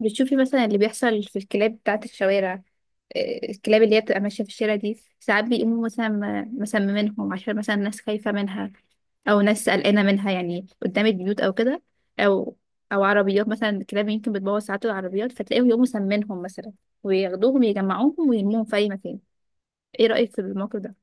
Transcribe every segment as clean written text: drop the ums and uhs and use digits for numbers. بتشوفي مثلا اللي بيحصل في الكلاب بتاعة الشوارع. آه، الكلاب اللي هي بتبقى ماشية في الشارع دي ساعات بيقوموا مثلا مسممينهم عشان مثلا ناس خايفة منها أو ناس قلقانة منها يعني قدام البيوت أو كده أو عربيات، مثلا الكلاب يمكن بتبوظ ساعات العربيات فتلاقيهم يقوموا مسمينهم مثلا وياخدوهم يجمعوهم ويرموهم في أي مكان. إيه رأيك في الموقف ده؟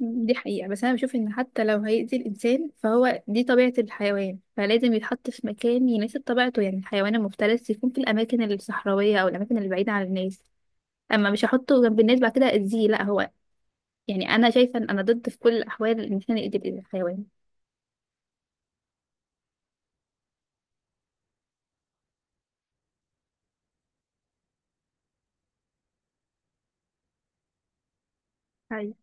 دي حقيقة، بس أنا بشوف إن حتى لو هيأذي الإنسان فهو دي طبيعة الحيوان، فلازم يتحط في مكان يناسب طبيعته، يعني الحيوان المفترس يكون في الأماكن الصحراوية أو الأماكن اللي بعيدة عن الناس. أما مش هحطه جنب الناس بعد كده أذيه لأ هو، يعني أنا شايفة إن أنا ضد في كل الأحوال إن إحنا نأذي الحيوان. أيوة،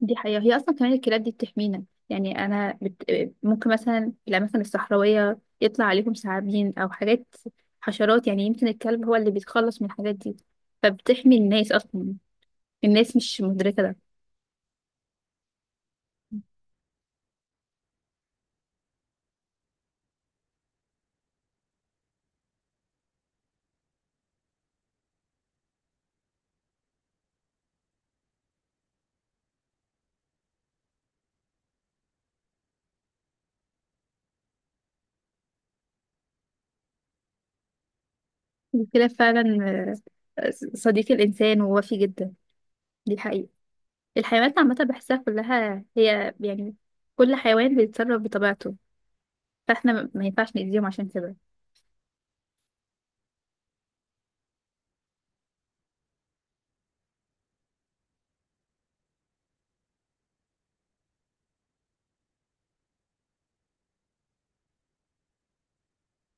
دي حقيقة، هي أصلا كمان الكلاب دي بتحمينا. يعني أنا ممكن مثلا في الأماكن الصحراوية يطلع عليهم ثعابين أو حاجات، حشرات، يعني يمكن الكلب هو اللي بيتخلص من الحاجات دي، فبتحمي الناس اصلا. الناس مش مدركة ده. الكلاب فعلا آه، صديق الإنسان ووفي جدا. دي حقيقة. الحيوانات عامة بحسها كلها هي يعني كل حيوان بيتصرف بطبيعته، فاحنا ما ينفعش نأذيهم عشان كده.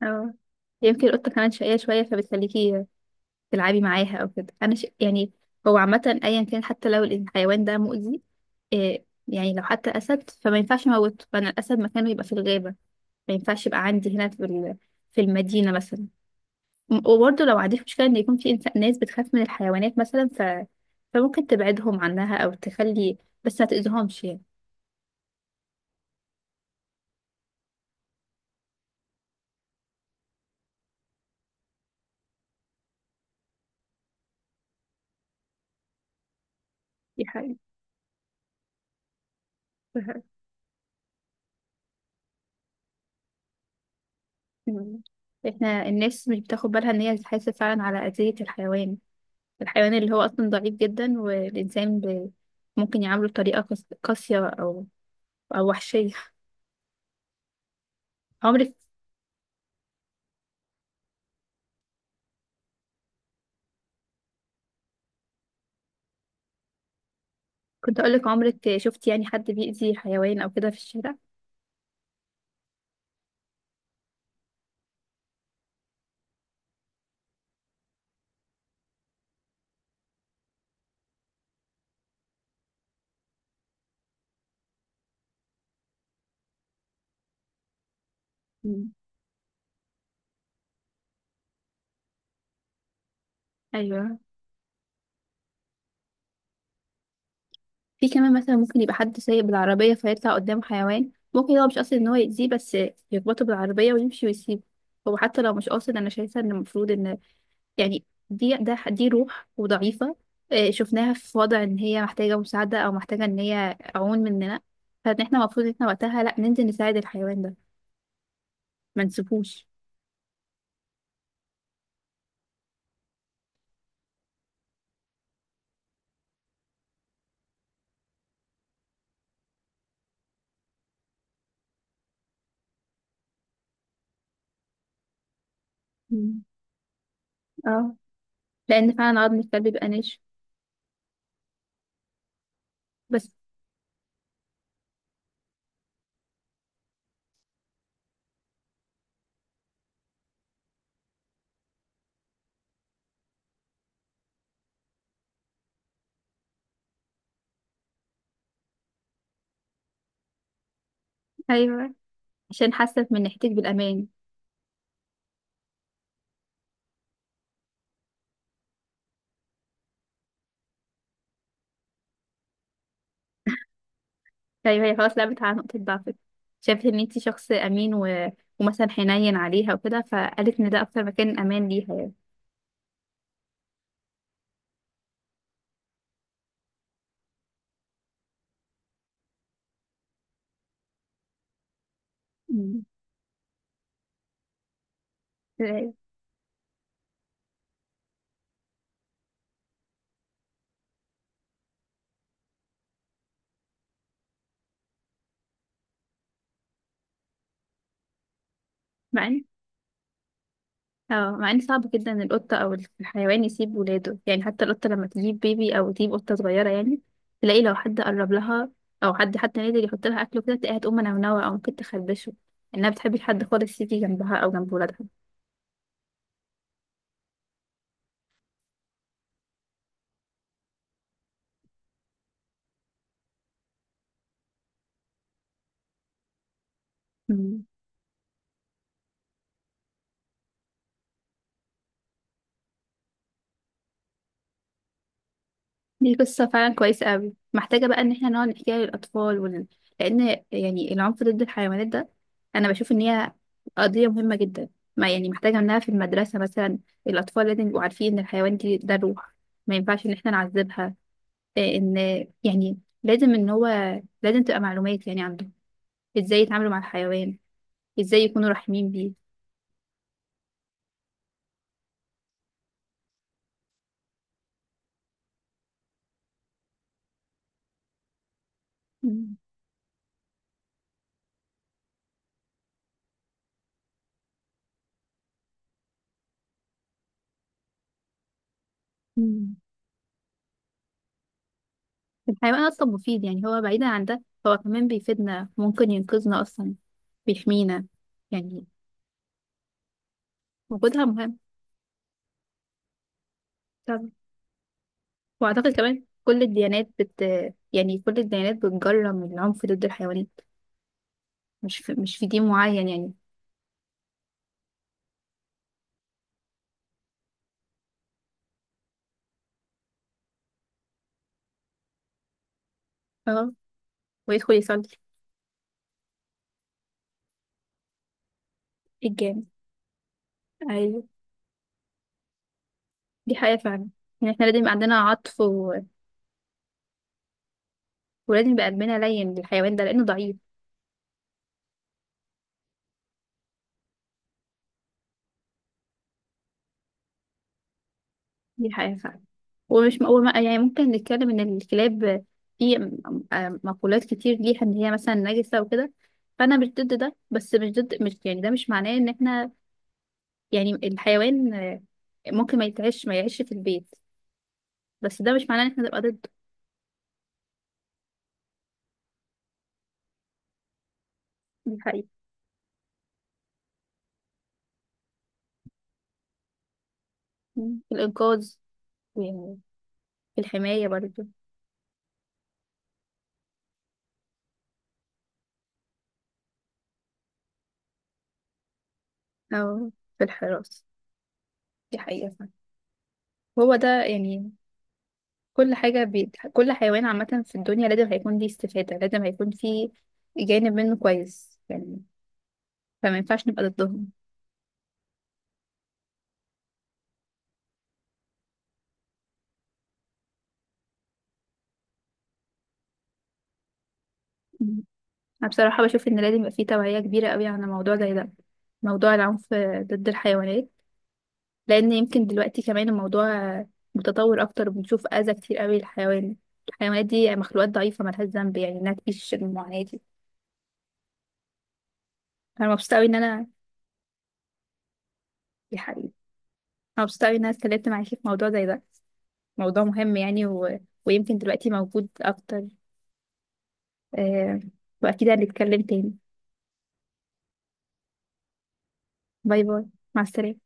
اه، يمكن القطة كمان شقية شوية فبتخليكي تلعبي معاها أو كده. أنا يعني هو عامة أيا كان حتى لو الحيوان ده مؤذي، إيه يعني لو حتى أسد فما ينفعش أموته، فأنا الأسد مكانه يبقى في الغابة. ما ينفعش يبقى عندي هنا في في المدينة مثلا. وبرضه لو عندك مشكلة إن يكون في إنسان ناس بتخاف من الحيوانات مثلا فممكن تبعدهم عنها أو تخلي، بس ما تأذيهمش يعني. دي حقيقة. دي حقيقة. مم. إحنا الناس مش بتاخد بالها إن هي بتحاسب فعلا على أذية الحيوان، الحيوان اللي هو أصلا ضعيف جدا، والإنسان ممكن يعامله بطريقة قاسية أو وحشية. عمرك، كنت أقولك عمرك شفتي يعني حد بيأذي حيوان أو كده في الشارع؟ مم. أيوه، في كمان مثلا ممكن يبقى حد سايق بالعربية فيطلع قدامه حيوان، ممكن هو مش قاصد ان هو يأذيه بس يخبطه بالعربية ويمشي ويسيبه. هو حتى لو مش قاصد انا شايفة ان المفروض ان، يعني، دي دي روح وضعيفة آه، شفناها في وضع ان هي محتاجة مساعدة او محتاجة ان هي عون مننا، فان احنا المفروض ان احنا وقتها لا ننزل نساعد الحيوان ده، ما نسيبوش. مم. اه، لان فعلا عظم الكلب بيبقى ناشف. بس ايوه، عشان حاسة من ناحيتك بالامان. طيب هي خلاص لعبت على نقطة ضعفك، شافت ان انتي شخص امين ومثلا حنين عليها وكده، فقالت ان ده اكتر مكان امان ليها يعني. مم. إزاي؟ مع ان، اه مع ان صعب جدا إن القطة او الحيوان يسيب ولاده، يعني حتى القطة لما تجيب بيبي او تجيب قطة صغيرة يعني تلاقي لو حد قرب لها او حد حتى نادر يحط لها اكل وكده تلاقيها تقوم منونوة او ممكن تخربشه، انها بتحبش حد خالص يجي جنبها او جنب ولادها. مم. دي قصة فعلا كويسة قوي، محتاجة بقى ان احنا نقعد نحكيها للأطفال لأن، يعني، العنف ضد الحيوانات ده أنا بشوف ان هي قضية مهمة جدا، ما يعني محتاجة انها في المدرسة مثلا الأطفال لازم يبقوا عارفين ان الحيوان دي ده روح، ما ينفعش ان احنا نعذبها. إيه ان، يعني لازم ان هو لازم تبقى معلومات يعني عنده ازاي يتعاملوا مع الحيوان، ازاي يكونوا رحيمين بيه. مم. مم. الحيوان أصلا مفيد، يعني هو بعيدا عن ده هو كمان بيفيدنا، ممكن ينقذنا أصلا، بيحمينا يعني. وجودها مهم طبعا. وأعتقد كمان كل الديانات يعني كل الديانات بتجرم العنف ضد الحيوانات، مش في دين معين يعني. اه، ويدخل يصلي الجامع. أيوة، دي حقيقة فعلا، يعني احنا لازم يبقى عندنا عطف ولازم يبقى قلبنا لين للحيوان ده لأنه ضعيف. دي حقيقة فعلا. يعني ممكن نتكلم إن الكلاب في مقولات كتير ليها إن هي مثلا نجسة وكده، فأنا مش ضد ده، بس مش ضد مش يعني ده مش معناه إن احنا، يعني، الحيوان آه، ممكن ما يعيش في البيت، بس ده مش معناه ان احنا نبقى ضده. دي حقيقة. مم. في الإنقاذ يعني، في الحماية برضه. أو في الحراسة. دي حقيقة فعلا. هو ده يعني كل حيوان عامة في الدنيا لازم هيكون ليه استفادة، لازم هيكون فيه جانب منه كويس يعني، فما ينفعش نبقى ضدهم. مم. أنا بصراحة بشوف إن لازم يبقى فيه توعية كبيرة قوي عن موضوع زي ده، موضوع العنف ضد الحيوانات، لان يمكن دلوقتي كمان الموضوع متطور اكتر وبنشوف اذى كتير قوي للحيوان. الحيوانات دي مخلوقات ضعيفه ملهاش ذنب يعني انها تعيش المعاناه دي. انا مبسوطه قوي ان انا يا حبيبي، انا مبسوطه قوي ان انا اتكلمت معاكي في موضوع زي ده، موضوع مهم يعني ويمكن دلوقتي موجود اكتر آه... واكيد هنتكلم تاني. باي باي، مع السلامه.